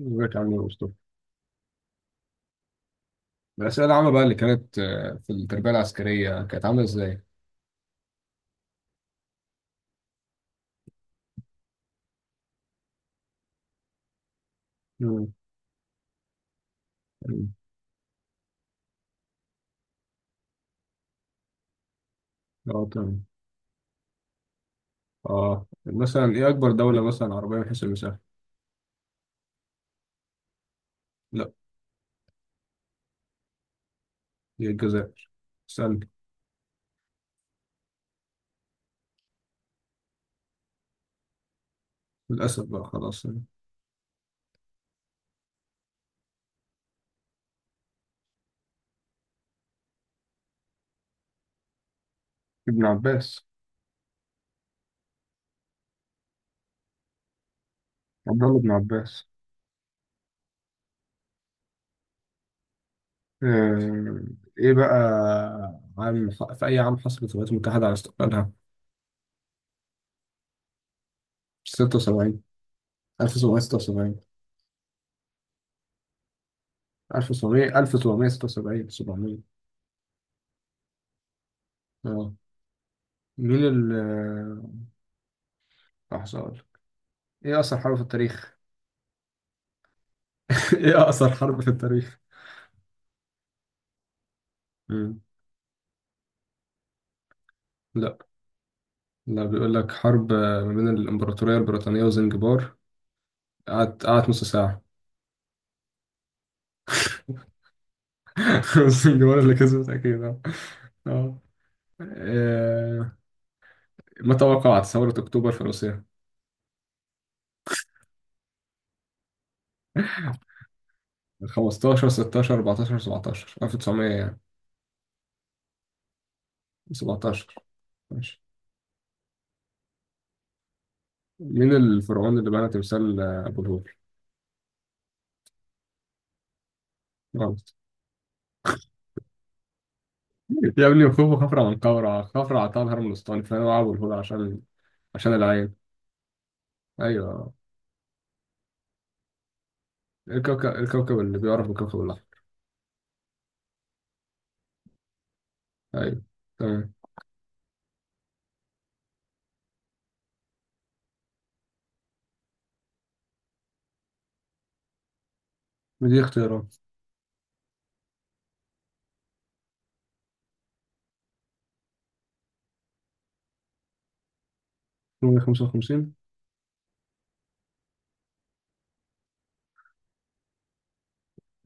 ازيك عامل ايه يا عم مصطفى؟ الأسئلة العامة بقى اللي كانت في التربية العسكرية كانت عاملة ازاي؟ مم. مم. اه تمام. اه مثلا ايه أكبر دولة مثلا عربية من حيث المساحة؟ لا، هي الجزائر. استنى. للأسف بقى خلاص. ابن عباس. عبد الله بن عباس. آه، ايه بقى عام، في أي عام حصلت الولايات المتحدة على استقلالها؟ 76. 1776. 1700 1776 700. اه مين ال آه، لحظة، ايه اقصر حرب في التاريخ؟ ايه اقصر حرب في التاريخ؟ مم. لا، لا بيقول لك حرب، ما بين الامبراطوريه البريطانيه وزنجبار. قعدت نص ساعه. زنجبار اللي كسبت اكيد اه. آه. آه، ما توقعت ثوره اكتوبر في روسيا. 15 16 14 17 1900 يعني. 17. ماشي. مين الفرعون اللي بنى تمثال ابو الهول؟ غلط. يا ابني، مكتوب خفرع. من قورع خفرع عطاها الهرم الاسطاني فانا ابو الهول عشان، عشان العين. ايوه. الكوكب اللي بيعرف بالكوكب الأحمر. أيوه، تمام. ودي اختيارات. 155.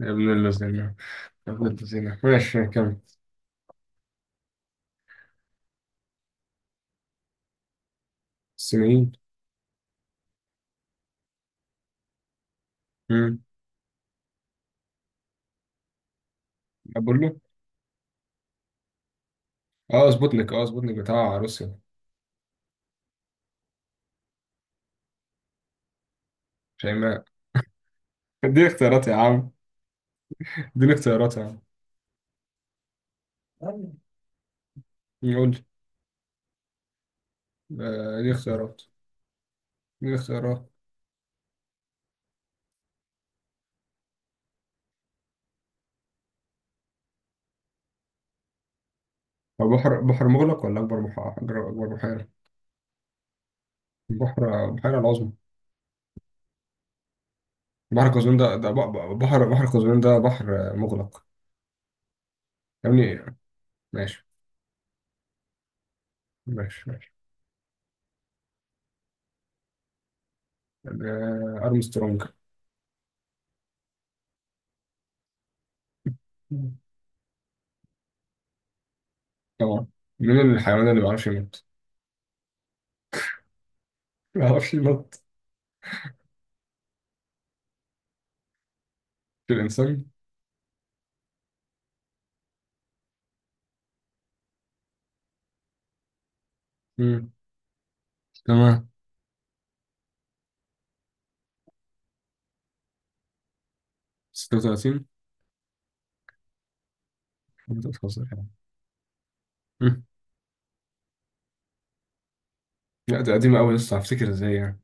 يا ابن اللذينة، يا ابن اللذينة، ماشي كمل. الصينيين. مم. أقول له. أه، سبوتنيك. أه، سبوتنيك بتاع روسيا. شيماء. دي اختيارات يا عم. دي اختيارات يا عم. يقول لي. دي اختيارات. دي اختيارات. هو بحر، بحر مغلق ولا أكبر بحر، أكبر، أكبر بحيرة؟ بحر، بحيرة العظمى. بحر قزوين بحر قزوين ده بحر مغلق. يا ابني ماشي ماشي. أرمسترونج. طبعا. مين الحيوان اللي ما بيعرفش ينط؟ ما بيعرفش ينط. في الإنسان؟ مم. تمام. 36. 15 يعني. مم. لا، ده قديمة أوي، لسه هفتكر إزاي يعني.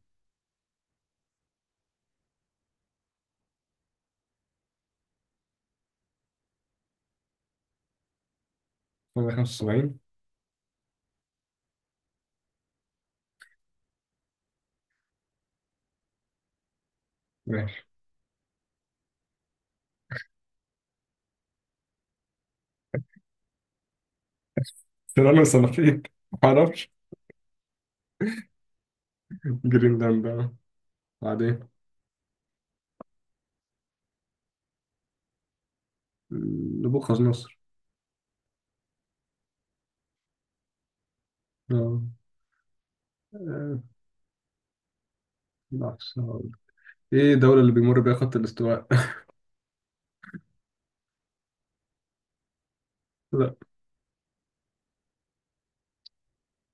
75. ماشي. سنافين. ما أعرفش. جرينلاند بقى. بعدين. نبوخذ نصر. آه. آه، لحظة. هقول. إيه الدولة اللي بيمر بيها خط الاستواء؟ لا.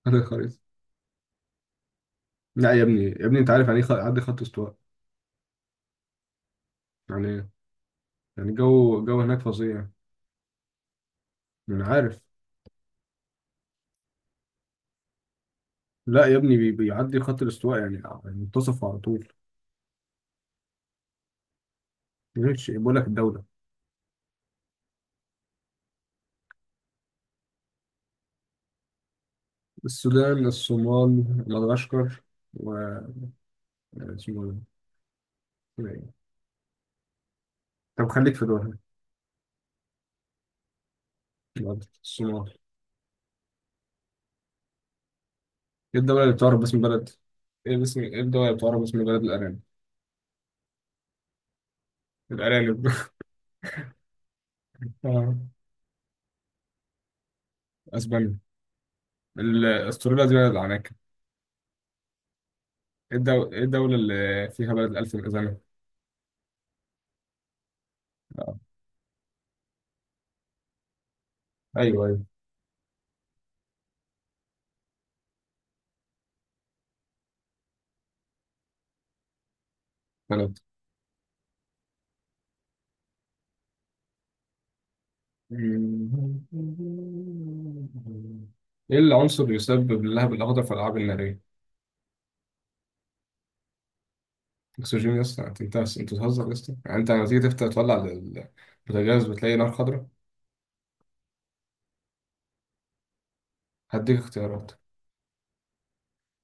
هذه الخريطة. لا يا ابني، يا ابني، أنت عارف يعني إيه عدي خط استواء؟ يعني إيه؟ يعني الجو، الجو هناك فظيع. أنا عارف. لا يا ابني، بيعدي خط الاستواء يعني، يعني منتصف على طول. غير شيء، بقول لك الدولة. السودان، الصومال، مدغشقر، و اسمه إيه؟ طب خليك في دولها. الأرض، الصومال. ايه الدولة اللي بتعرف باسم بلد، ايه باسم، ايه الدولة اللي بتعرف باسم بلد الأرانب؟ الأرانب آه. اسبانيا. استراليا دي بلد العناكب. ايه إيه الدولة اللي فيها بلد الألف الأذنة؟ آه. ايوه، ايوه. بلد. ايه العنصر اللي يسبب اللهب الأخضر في الألعاب النارية؟ اكسجين يا اسطى؟ انت بتهزر يا اسطى. يعني انت لما تيجي تفتح تولع البوتاجاز بتلاقي نار خضراء. هديك اختيارات.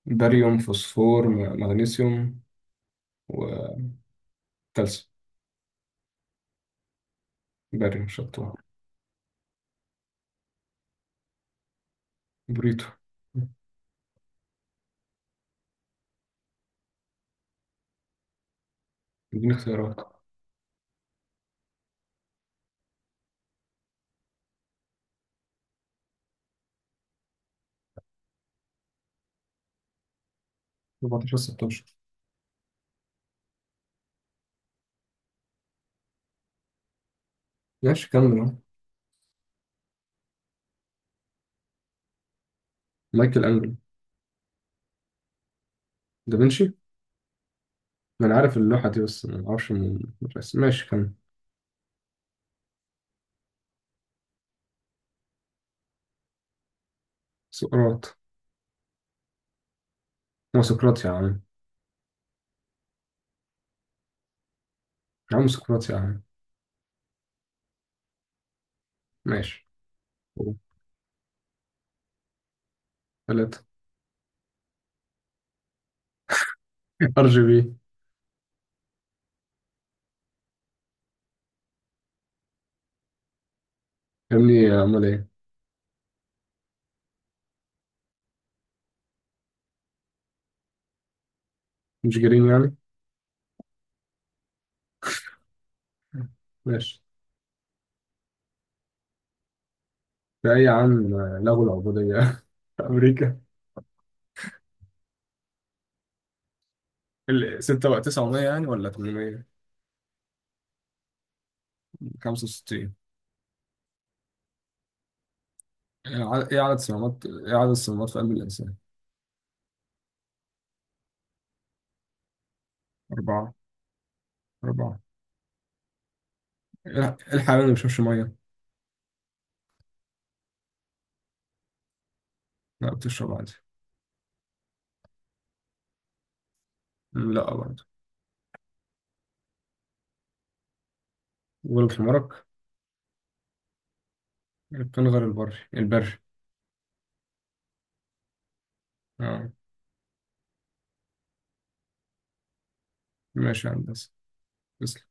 باريوم، فوسفور، مغنيسيوم، وكالسيوم. باريوم شطوة. بريتو. اديني اختيارات. 14 16. ماشي كمل اهو. مايكل انجلو. دافنشي. ما انا عارف اللوحة دي، بس ما اعرفش من. بس ماشي كمل. سقراط. هو سقراط يا عم. يا عم سقراط يا عم. ماشي. ثلاثة. ار جي بي. يا ابني، امال ايه؟ مش جرين يعني؟ ماشي. في أي عام لغوا العبودية في أمريكا؟ ستة، ولا 900 يعني، ولا 800. 65. إيه إيه عدد الصمامات، إيه عدد الصمامات في قلب الإنسان؟ أربعة. أربعة. إيه الحيوان اللي ما بيشربش مية؟ لا بتشرب عادي. مم، لا برضه. غلب حمارك. القنغر البري. آه. ماشي يا هندسة. تسلم.